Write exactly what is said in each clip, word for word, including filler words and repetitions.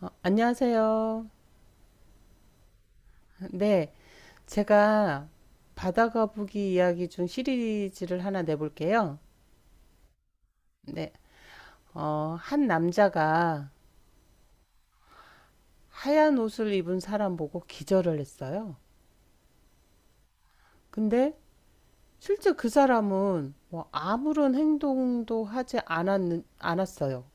어, 안녕하세요. 네, 제가 바다거북이 이야기 중 시리즈를 하나 내볼게요. 네, 어, 한 남자가 하얀 옷을 입은 사람 보고 기절을 했어요. 근데 실제 그 사람은 뭐 아무런 행동도 하지 않았, 않았어요.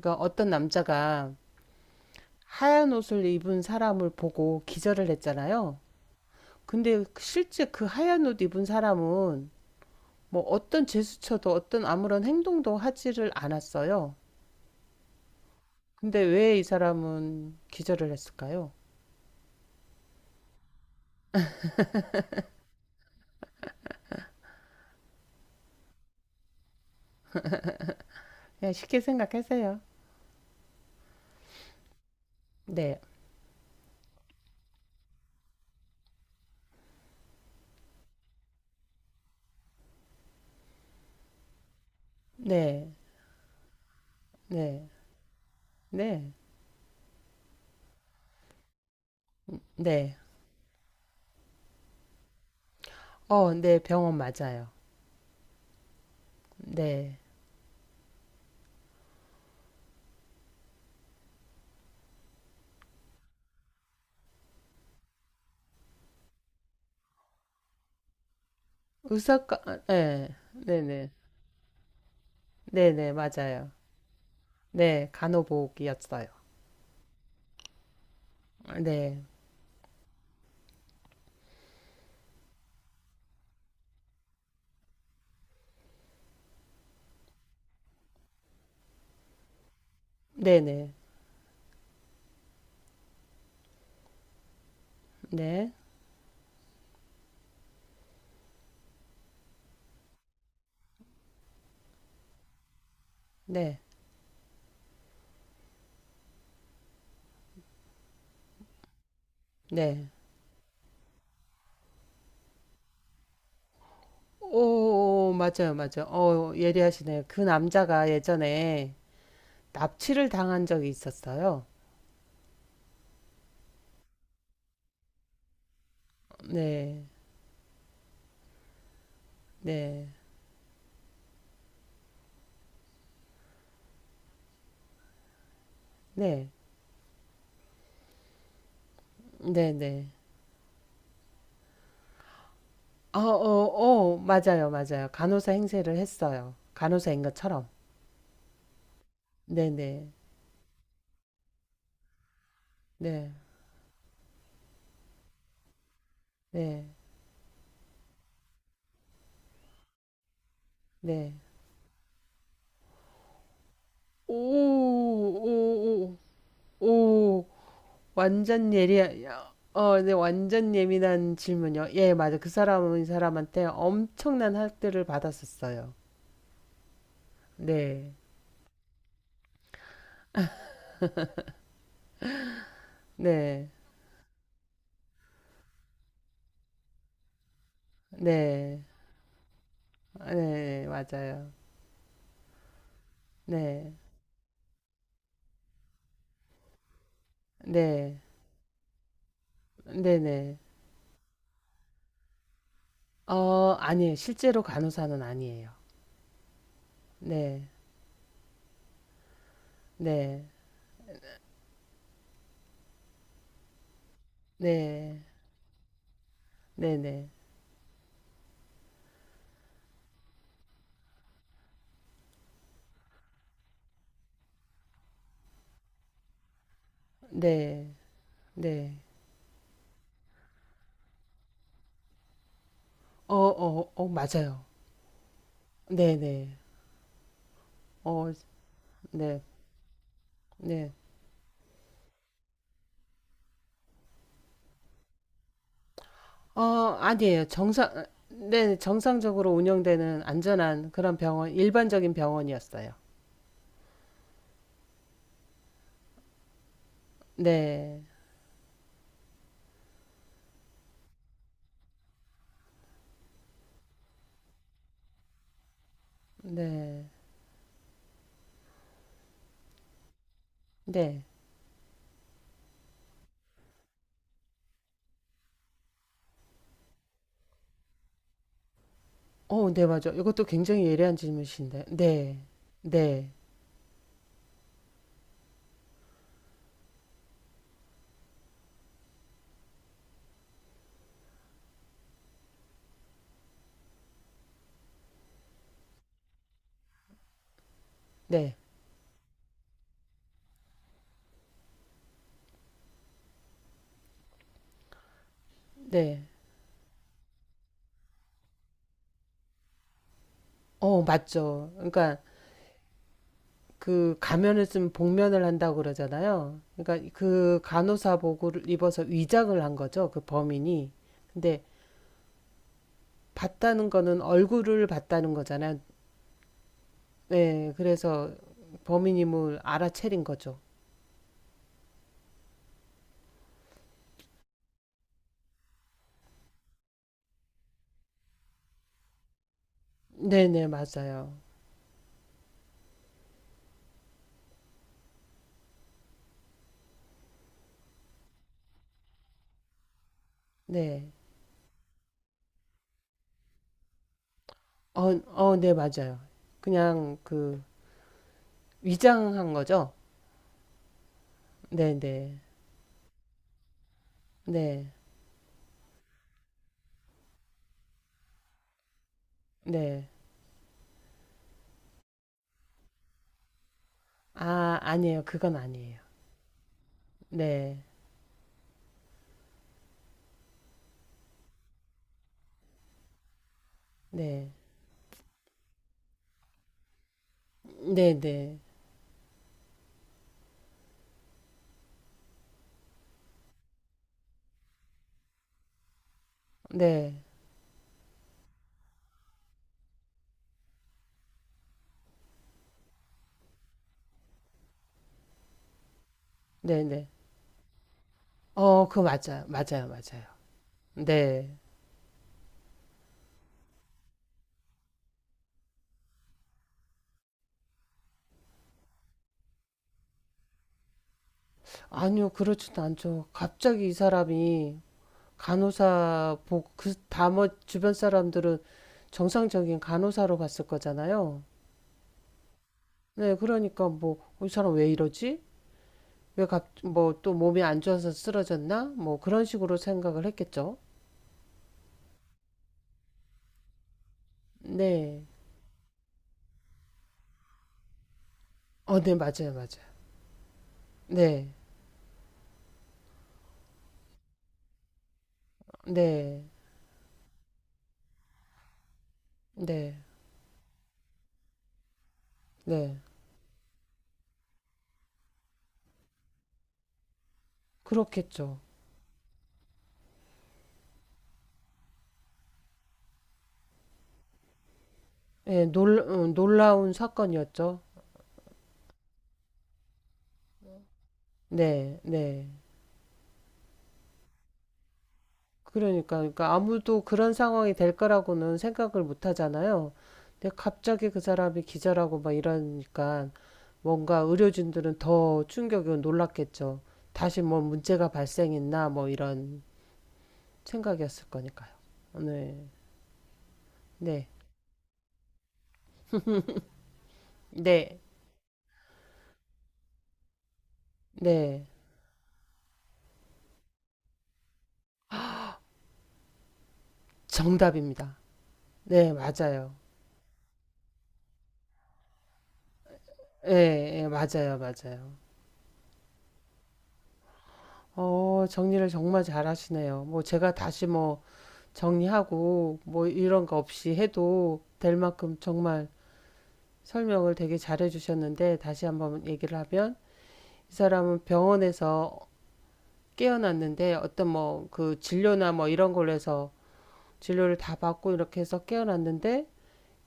그러니까 어떤 남자가 하얀 옷을 입은 사람을 보고 기절을 했잖아요. 근데 실제 그 하얀 옷 입은 사람은 뭐 어떤 제스처도 어떤 아무런 행동도 하지를 않았어요. 근데 왜 이 사람은 기절을 했을까요? 그냥 쉽게 생각하세요. 네, 네, 네, 네, 네. 어, 네, 병원 맞아요. 네. 의사과, 아, 네, 네네, 네네, 맞아요. 네, 간호복이었어요. 네, 네네, 네, 네, 네. 네. 오, 맞아요, 맞아요. 어, 예리하시네요. 그 남자가 예전에 납치를 당한 적이 있었어요. 네, 네, 네, 네, 네. 어, 어, 어, 맞아요, 맞아요. 간호사 행세를 했어요. 간호사인 것처럼. 네, 네, 네, 네, 네. 오, 오, 오, 오, 완전 예리, 어, 네, 완전 예민한 질문이요. 예, 맞아. 그 사람은 이 사람한테 엄청난 학대를 받았었어요. 네, 네, 네, 네, 맞아요. 네, 네. 네네. 어 아니에요. 실제로 간호사는 아니에요. 네. 네. 네. 네네. 네. 네. 어 어 어 맞아요. 네네. 어 네. 네. 어 아니에요. 정상 네. 정상적으로 운영되는 안전한 그런 병원 일반적인 병원이었어요. 네. 네. 네. 어 네 맞아요. 이것도 굉장히 예리한 질문이신데. 네. 네. 네. 네. 어 맞죠. 그러니까 그 가면을 쓰면 복면을 한다고 그러잖아요. 그러니까 그 간호사복을 입어서 위장을 한 거죠. 그 범인이. 근데 봤다는 거는 얼굴을 봤다는 거잖아요. 네, 그래서 범인임을 알아채린 거죠. 네네, 맞아요. 네. 어, 어, 네, 맞아요. 그냥 그 위장한 거죠? 네네. 네. 네. 네. 아, 아니에요. 그건 아니에요. 네. 네. 네네. 네. 네네. 어, 그거 맞아요. 맞아요. 맞아요. 네. 아니요, 그렇진 않죠. 갑자기 이 사람이 간호사 보, 그, 다머 주변 사람들은 정상적인 간호사로 봤을 거잖아요. 네, 그러니까 뭐, 어, 이 사람 왜 이러지? 왜 갑, 뭐, 또 몸이 안 좋아서 쓰러졌나? 뭐, 그런 식으로 생각을 했겠죠. 네. 어, 네, 맞아요. 맞아요. 네. 네. 네. 네. 그렇겠죠. 네, 놀, 음, 놀라운 사건이었죠. 네. 네. 그러니까, 그러니까 아무도 그런 상황이 될 거라고는 생각을 못 하잖아요. 근데 갑자기 그 사람이 기절하고 막 이러니까 뭔가 의료진들은 더 충격이고 놀랐겠죠. 다시 뭐 문제가 발생했나 뭐 이런 생각이었을 거니까요. 네, 네, 네, 네, 정답입니다. 네, 맞아요. 예, 예, 맞아요, 맞아요. 어, 정리를 정말 잘하시네요. 뭐 제가 다시 뭐 정리하고 뭐 이런 거 없이 해도 될 만큼 정말 설명을 되게 잘해 주셨는데 다시 한번 얘기를 하면 이 사람은 병원에서 깨어났는데 어떤 뭐 그 진료나 뭐 이런 걸로 해서 진료를 다 받고 이렇게 해서 깨어났는데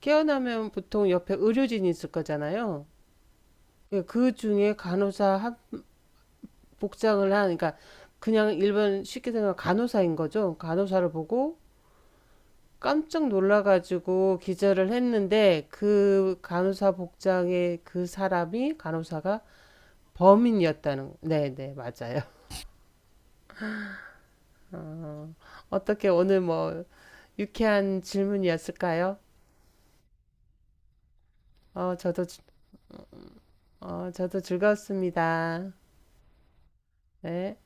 깨어나면 보통 옆에 의료진이 있을 거잖아요. 예, 그 중에 간호사 한- 복장을 한, 그러니까 그냥 일반 쉽게 생각하면 간호사인 거죠. 간호사를 보고 깜짝 놀라가지고 기절을 했는데 그 간호사 복장의 그 사람이 간호사가 범인이었다는 네네 맞아요. 어, 어떻게 오늘 뭐 유쾌한 질문이었을까요? 어 저도 즐- 어 저도 즐거웠습니다. 네.